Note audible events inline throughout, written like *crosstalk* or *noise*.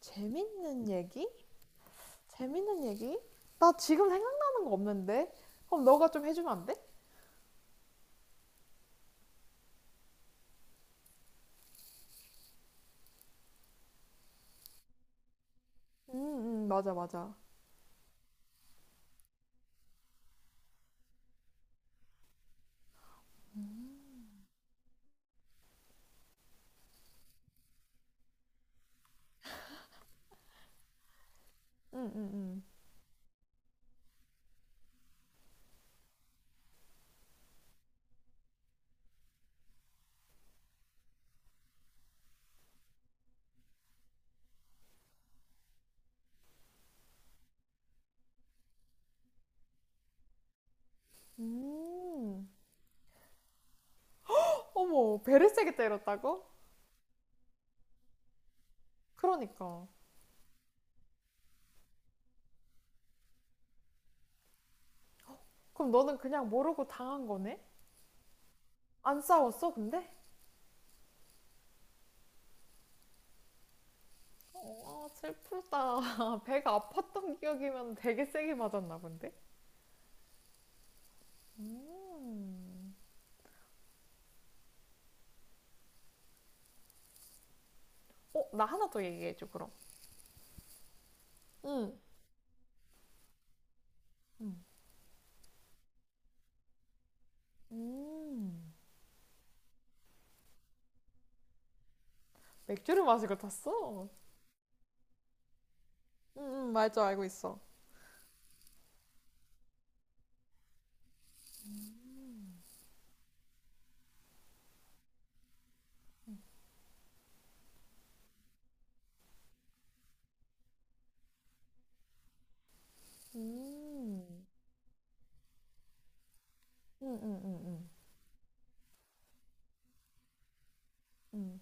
재밌는 얘기? 재밌는 얘기? 나 지금 생각나는 거 없는데? 그럼 너가 좀 해주면 안 돼? 응, 응, 맞아, 맞아. 응, 응, 응. 음. 어머, 배를 세게 때렸다고? 그러니까. 그럼 너는 그냥 모르고 당한 거네? 안 싸웠어, 근데? 아, 슬프다. *laughs* 배가 아팠던 기억이면 되게 세게 맞았나 본데? 음. 어, 나 하나 더 얘기해줘, 그럼. 응. 음. 음. 맥주를 마시고 탔어? 응, 응, 맞아, 알고 있어. 음, 응응응응응 응 응, 응. 응.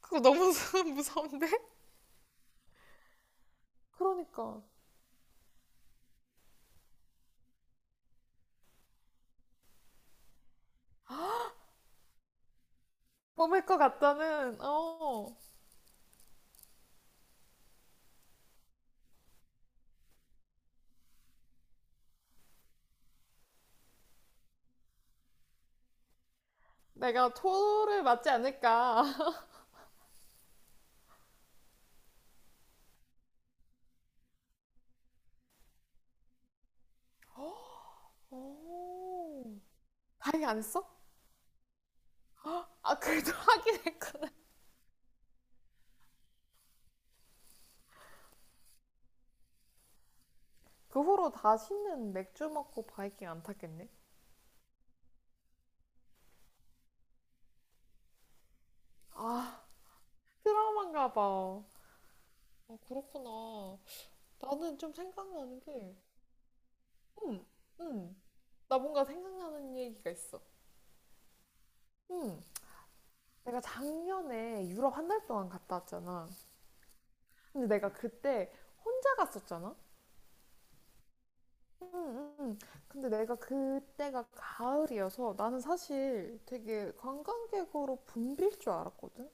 그거 너무 *laughs* 무서운데? 그러니까. 뽑을 것 같다는, 어, 내가 토를 맞지 않을까. *laughs* 오, 바이킹 안 했어? 아, 그래도 *laughs* 하긴 했구나. 그 후로 다시는 맥주 먹고 바이킹 안 탔겠네? 아, 트라우마인가 봐. 아, 그렇구나. 나는 좀 생각나는 게, 음, 음. 나 뭔가 생각나는 얘기가 있어. 음. 내가 작년에 유럽 한 달 동안 갔다 왔잖아. 근데 내가 그때 혼자 갔었잖아. 응, 응, 응. 근데 내가 그때가 가을이어서 나는 사실 되게 관광객으로 붐빌 줄 알았거든.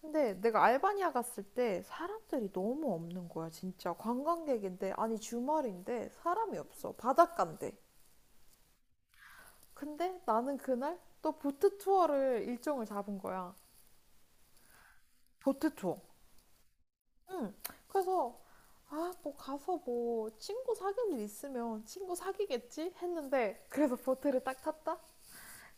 근데 내가 알바니아 갔을 때 사람들이 너무 없는 거야, 진짜. 관광객인데, 아니 주말인데 사람이 없어. 바닷가인데. 근데 나는 그날 또 보트 투어를 일정을 잡은 거야. 보트 투어. 응. 그래서 아, 뭐 가서 뭐 친구 사귈 일 있으면 친구 사귀겠지 했는데 그래서 보트를 딱 탔다.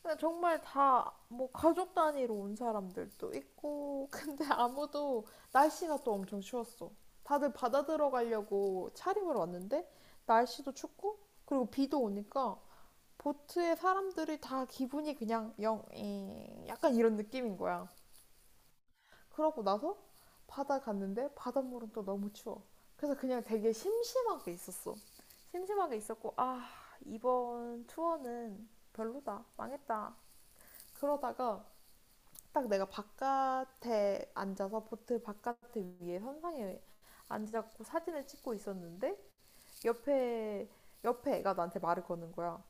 근데 정말 다 뭐 가족 단위로 온 사람들도 있고 *laughs* 근데 아무도 날씨가 또 엄청 추웠어. 다들 바다 들어가려고 차림을 왔는데 날씨도 춥고 그리고 비도 오니까 보트에 사람들이 다 기분이 그냥 영, 이, 약간 이런 느낌인 거야. 그러고 나서 바다 갔는데 바닷물은 또 너무 추워. 그래서 그냥 되게 심심하게 있었어. 심심하게 있었고 아 이번 투어는 별로다 망했다. 그러다가 딱 내가 바깥에 앉아서 보트 바깥에 위에 선상에 앉아갖고 사진을 찍고 있었는데 옆에 옆에 애가 나한테 말을 거는 거야.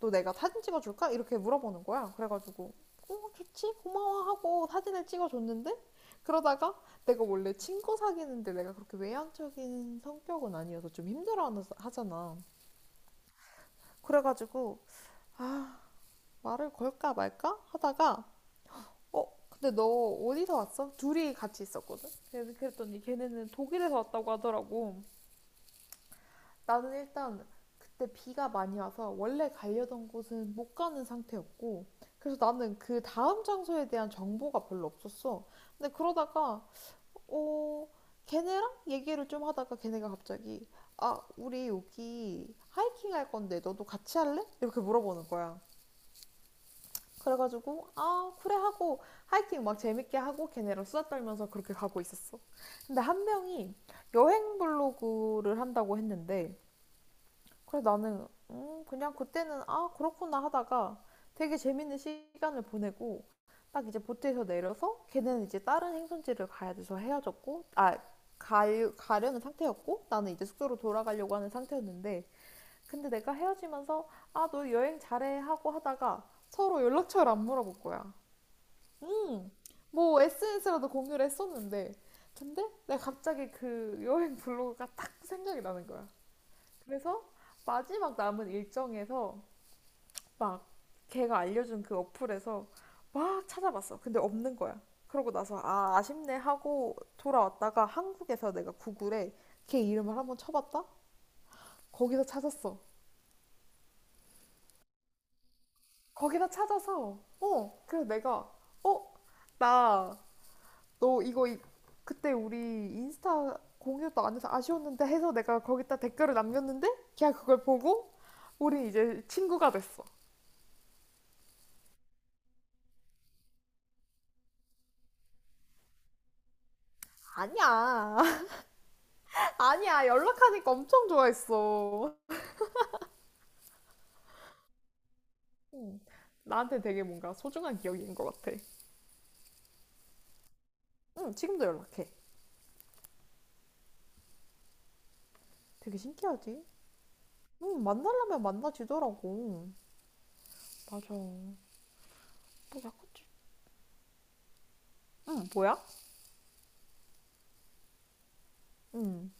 너 내가 사진 찍어줄까? 이렇게 물어보는 거야. 그래가지고 어 좋지 고마워 하고 사진을 찍어줬는데 그러다가 내가 원래 친구 사귀는데 내가 그렇게 외향적인 성격은 아니어서 좀 힘들어 하잖아. 그래가지고 아 말을 걸까 말까 하다가 어 근데 너 어디서 왔어? 둘이 같이 있었거든. 그랬더니 걔네는 독일에서 왔다고 하더라고. 나는 일단 그때 비가 많이 와서 원래 가려던 곳은 못 가는 상태였고, 그래서 나는 그 다음 장소에 대한 정보가 별로 없었어. 근데 그러다가, 어, 걔네랑 얘기를 좀 하다가 걔네가 갑자기, 아, 우리 여기 하이킹 할 건데 너도 같이 할래? 이렇게 물어보는 거야. 그래가지고, 아, 그래 하고, 하이킹 막 재밌게 하고 걔네랑 수다 떨면서 그렇게 가고 있었어. 근데 한 명이 여행 블로그를 한다고 했는데, 그래서 나는 그냥 그때는 아 그렇구나 하다가 되게 재밌는 시간을 보내고 딱 이제 보트에서 내려서 걔는 이제 다른 행선지를 가야 돼서 헤어졌고 아 가, 가려는 상태였고 나는 이제 숙소로 돌아가려고 하는 상태였는데 근데 내가 헤어지면서 아 너 여행 잘해 하고 하다가 서로 연락처를 안 물어볼 거야. 음, 뭐 SNS라도 공유를 했었는데 근데 내가 갑자기 그 여행 블로그가 딱 생각이 나는 거야. 그래서 마지막 남은 일정에서 막 걔가 알려준 그 어플에서 막 찾아봤어. 근데 없는 거야. 그러고 나서 아, 아쉽네 하고 돌아왔다가 한국에서 내가 구글에 걔 이름을 한번 쳐봤다? 거기서 찾았어. 거기서 찾아서 어, 그래서 내가 어, 나 너 이거 그때 우리 인스타 공유도 안 해서 아쉬웠는데 해서 내가 거기다 댓글을 남겼는데 걔가 그걸 보고 우린 이제 친구가 됐어. 아니야. 아니야, 연락하니까 엄청 좋아했어. 응. 나한테 되게 뭔가 소중한 기억인 것 같아. 응, 지금도 연락해. 되게 신기하지? 응, 만나려면 만나지더라고. 맞아. 뭐 자꾸 지 응, 뭐야? 응,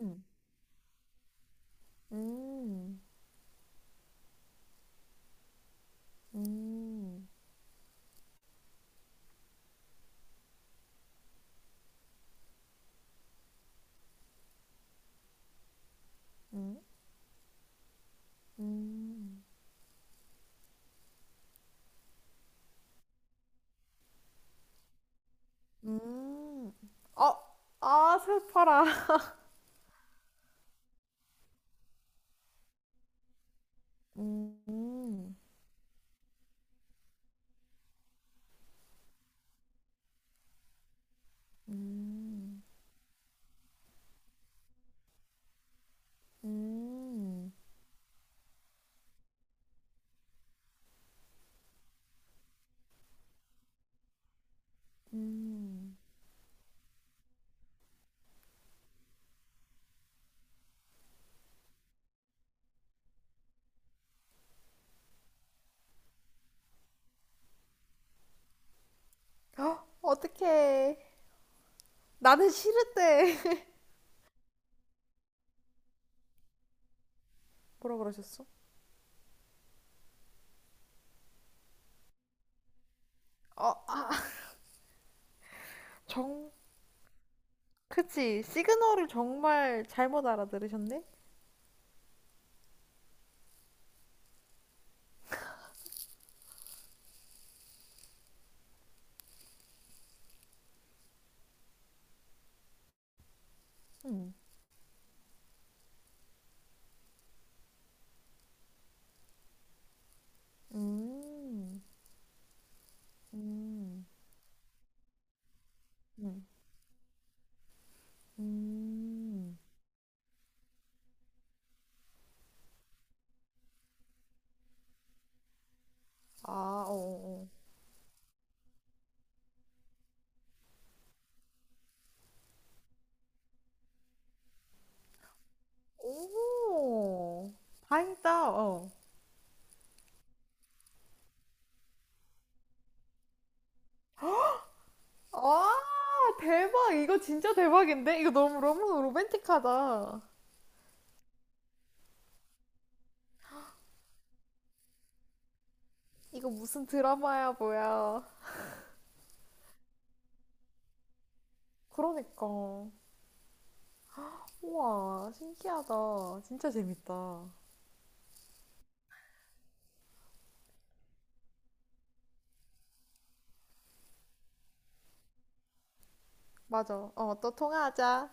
응. 음, 음, 음, 음, 음. 아, 아, 슬퍼라. 음, 음, 음, 음. 음. 헉, 어떡해. 나는 싫을 때. 뭐라 그러셨어? 어, 아, 정, 그치. 시그널을 정말 잘못 알아들으셨네? 음, 음, 음, 음, 음. 아, 어, 어, 어. 오, 다행이다, 어. 아, 대박. 이거 진짜 대박인데? 이거 너무, 너무 로맨틱하다. 이거 무슨 드라마야, 뭐야. 그러니까. 우와, 신기하다. 진짜 재밌다. 맞아. 어, 또 통화하자.